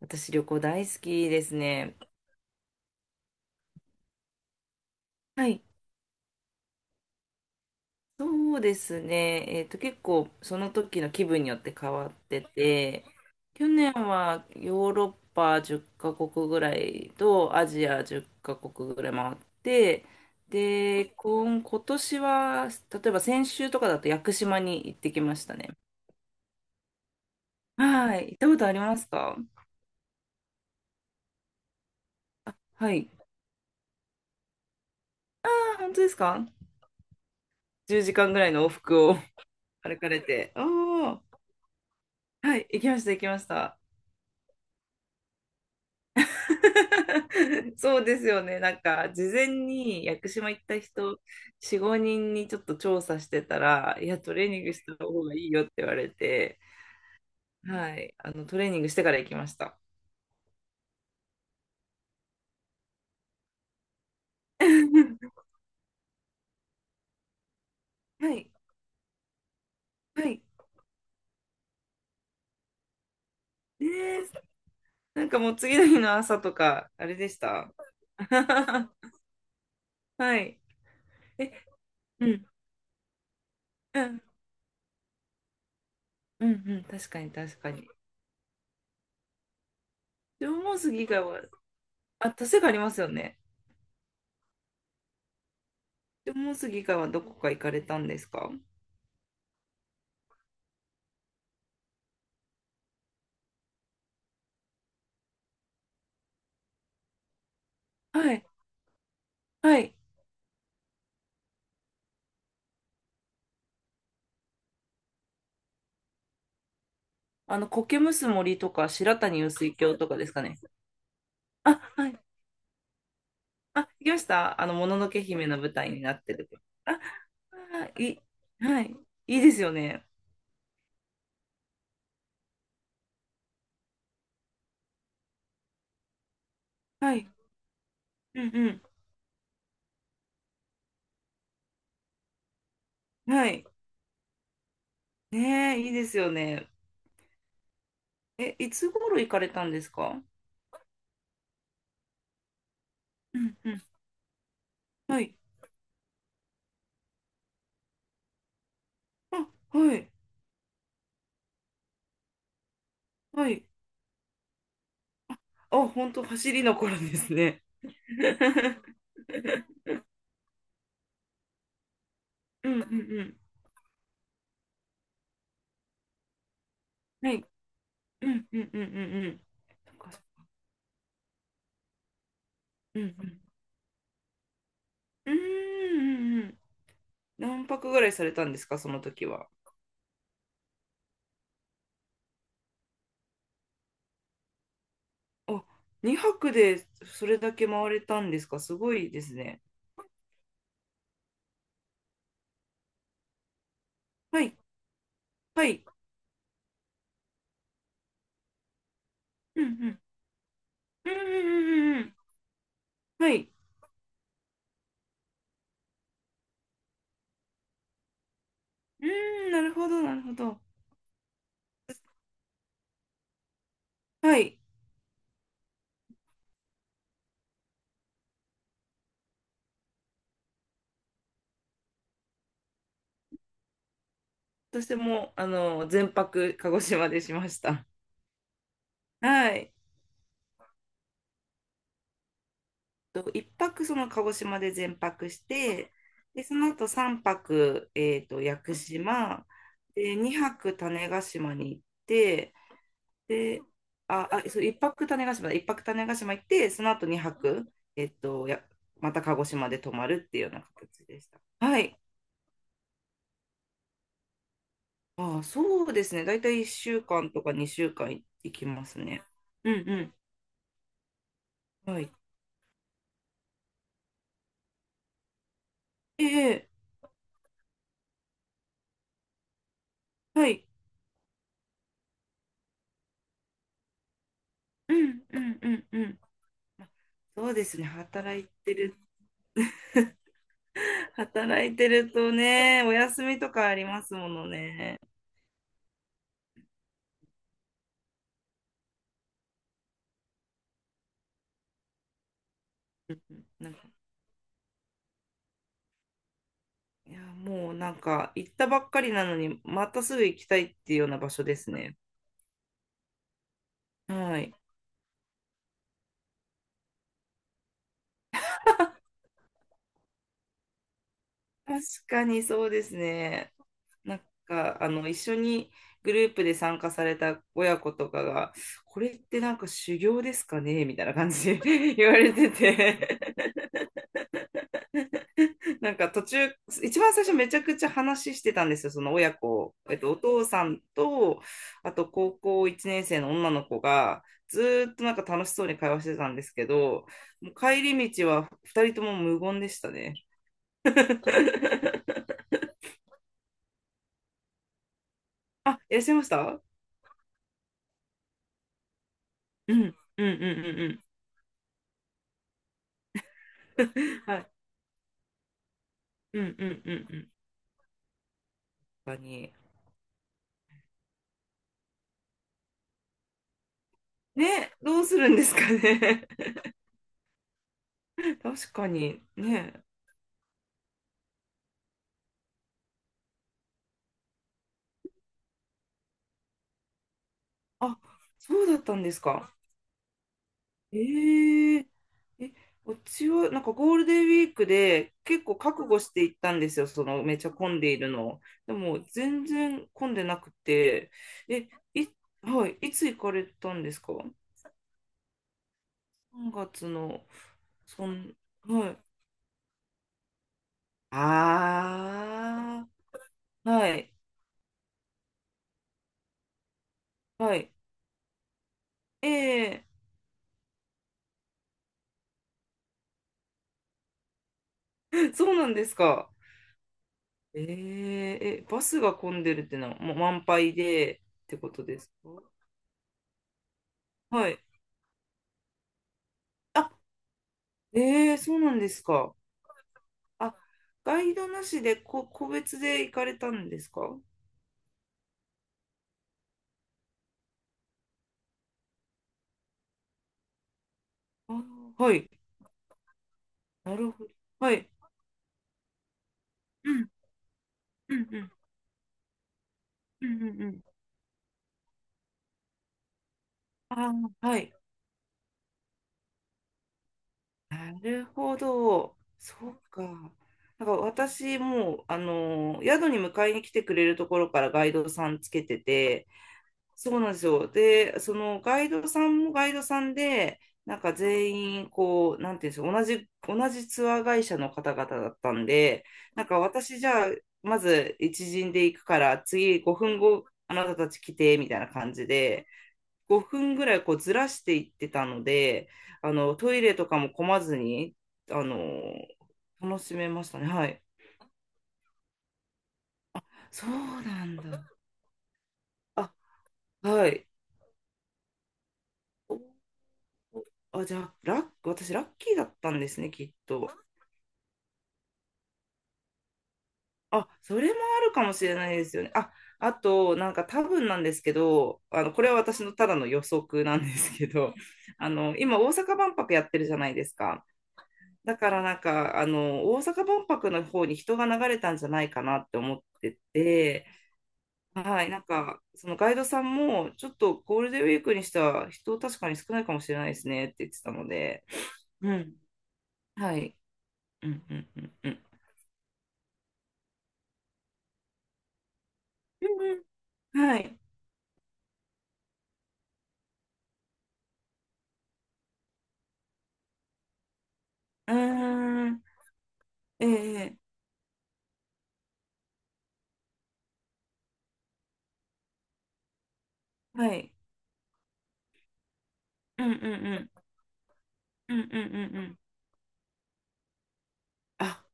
私、旅行大好きですね。はい、そうですね。結構、その時の気分によって変わってて、去年はヨーロッパ10カ国ぐらいとアジア10カ国ぐらい回って、で、今年は、例えば先週とかだと屋久島に行ってきましたね。はい、行ったことありますか？はい。あ、本当ですか？ 10 時間ぐらいの往復を 歩かれて。おー、はい、行きました、行きました。そうですよね。なんか、事前に屋久島行った人、4、5人にちょっと調査してたら、いや、トレーニングした方がいいよって言われて、はい、トレーニングしてから行きました。はい、はい。ねえ。なんかもう次の日の朝とか、あれでした。はい。え、うん、うん、うん、うん、確かに確かに。縄文杉以外は、あ、確かありますよね。縄文杉以外はどこか行かれたんですか？はい、はい。苔むす森とか、白谷雨水郷とかですかね。あ、はい。あ、行きました。もののけ姫の舞台になってる。あ、あ、はい。いいですよね。はい。うんうん。はい。ねえ、いいですよね。え、いつ頃行かれたんですか？うんうん。はい。あ、はい。はい。あ、本当走りの頃ですね。うんうんうん。はい。うんうんうんうんうん。そっかそっか。うんうん。うーん。うんうん。何泊ぐらいされたんですか、その時は？あ、2泊でそれだけ回れたんですか？すごいですね。はい、はい。うんうんうんうんうんうん。はい。うーん、なるほど、なるほど。はい。私も、全泊鹿児島でしました。はい。と、1泊その鹿児島で全泊して、で、その後3泊、屋久島、で、2泊種子島に行って、で、あ、あ、そう、1泊種子島だ、1泊種子島行って、その後2泊、また鹿児島で泊まるっていうような形でした。はい。あ、そうですね。だいたい1週間とか2週間行きますね。うんうん。はい。ええ、はい。うんうんうんうん。そうですね。働いてる 働いてるとね、お休みとかありますものね。うんうん。なんか、いや、もうなんか行ったばっかりなのに、またすぐ行きたいっていうような場所ですね。はい。確かにそうですね。なんか、一緒にグループで参加された親子とかが、これってなんか修行ですかねみたいな感じで 言われてて、なんか途中、一番最初めちゃくちゃ話してたんですよ、その親子。お父さんと、あと高校1年生の女の子が、ずーっとなんか楽しそうに会話してたんですけど、もう帰り道は2人とも無言でしたね。あ、いらっしゃいました？うん、うん、うん、うん、うん。はい。うん、うん、うん、うん。確かに。ね、どうするんですかね。確かに。ね。あ、そうだったんですか。えええ、うちはなんかゴールデンウィークで結構覚悟して行ったんですよ、そのめっちゃ混んでいるのを。でも全然混んでなくて、え、い、はい、いつ行かれたんですか？ 3 月の、そん、はい。ああ、はい、はい。ええ そうなんですか。えええ、バスが混んでるってのはもう満杯でってことですか？はい。あ、ええそうなんですか。あ、ガイドなしで個別で行かれたんですか？あー、はい。なるほど。はい。うん、うん、うん、うん、うん。うん。あー、はい。なるほど。そうか。なんか私もう、宿に迎えに来てくれるところからガイドさんつけてて、そうなんですよ。で、そのガイドさんもガイドさんで、なんか全員、こう、なんていうんですか、同じツアー会社の方々だったんで、なんか私じゃあ、まず一陣で行くから、次5分後、あなたたち来て、みたいな感じで、5分ぐらいこうずらしていってたので、トイレとかも混まずに、あの、楽しめましたね。はい。そうなんだ。あ、はい。あ、じゃあ、私、ラッキーだったんですね、きっと。あ、それもあるかもしれないですよね。あ、あと、なんか多分なんですけど、これは私のただの予測なんですけど、今、大阪万博やってるじゃないですか。だからなんか、大阪万博の方に人が流れたんじゃないかなって思ってて、はい、なんか、そのガイドさんも、ちょっとゴールデンウィークにしては人確かに少ないかもしれないですねって言ってたので、うん、はい。うんうんうんうんうんうん。はい。あー、ええ、はい。うんうんうん。うんうんうんうん。あ、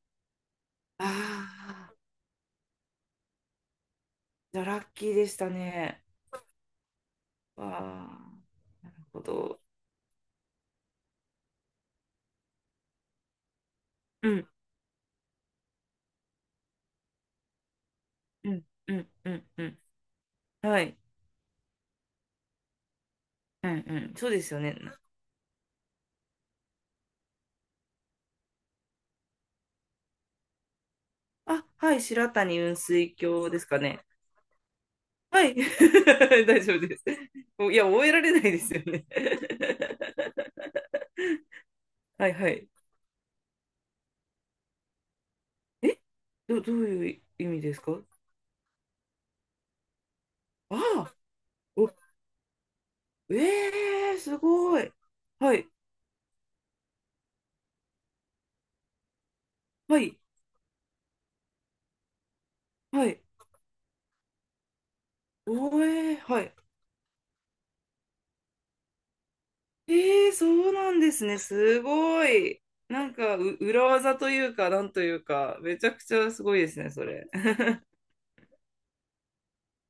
ああ、じゃあラッキーでしたね。わあ、なるほど。うんうんうんうんうん。はい。うんうん。そうですよね。あ、はい。白谷雲水峡ですかね。はい。大丈夫です。お、いや、覚えられないですよね。はいはい。えどういう意味ですか？ああ、ええすごい。はい、はい、はい。お、はい。ええ、そうなんですね。すごい。なんか、裏技というか、なんというか、めちゃくちゃすごいですね、それ。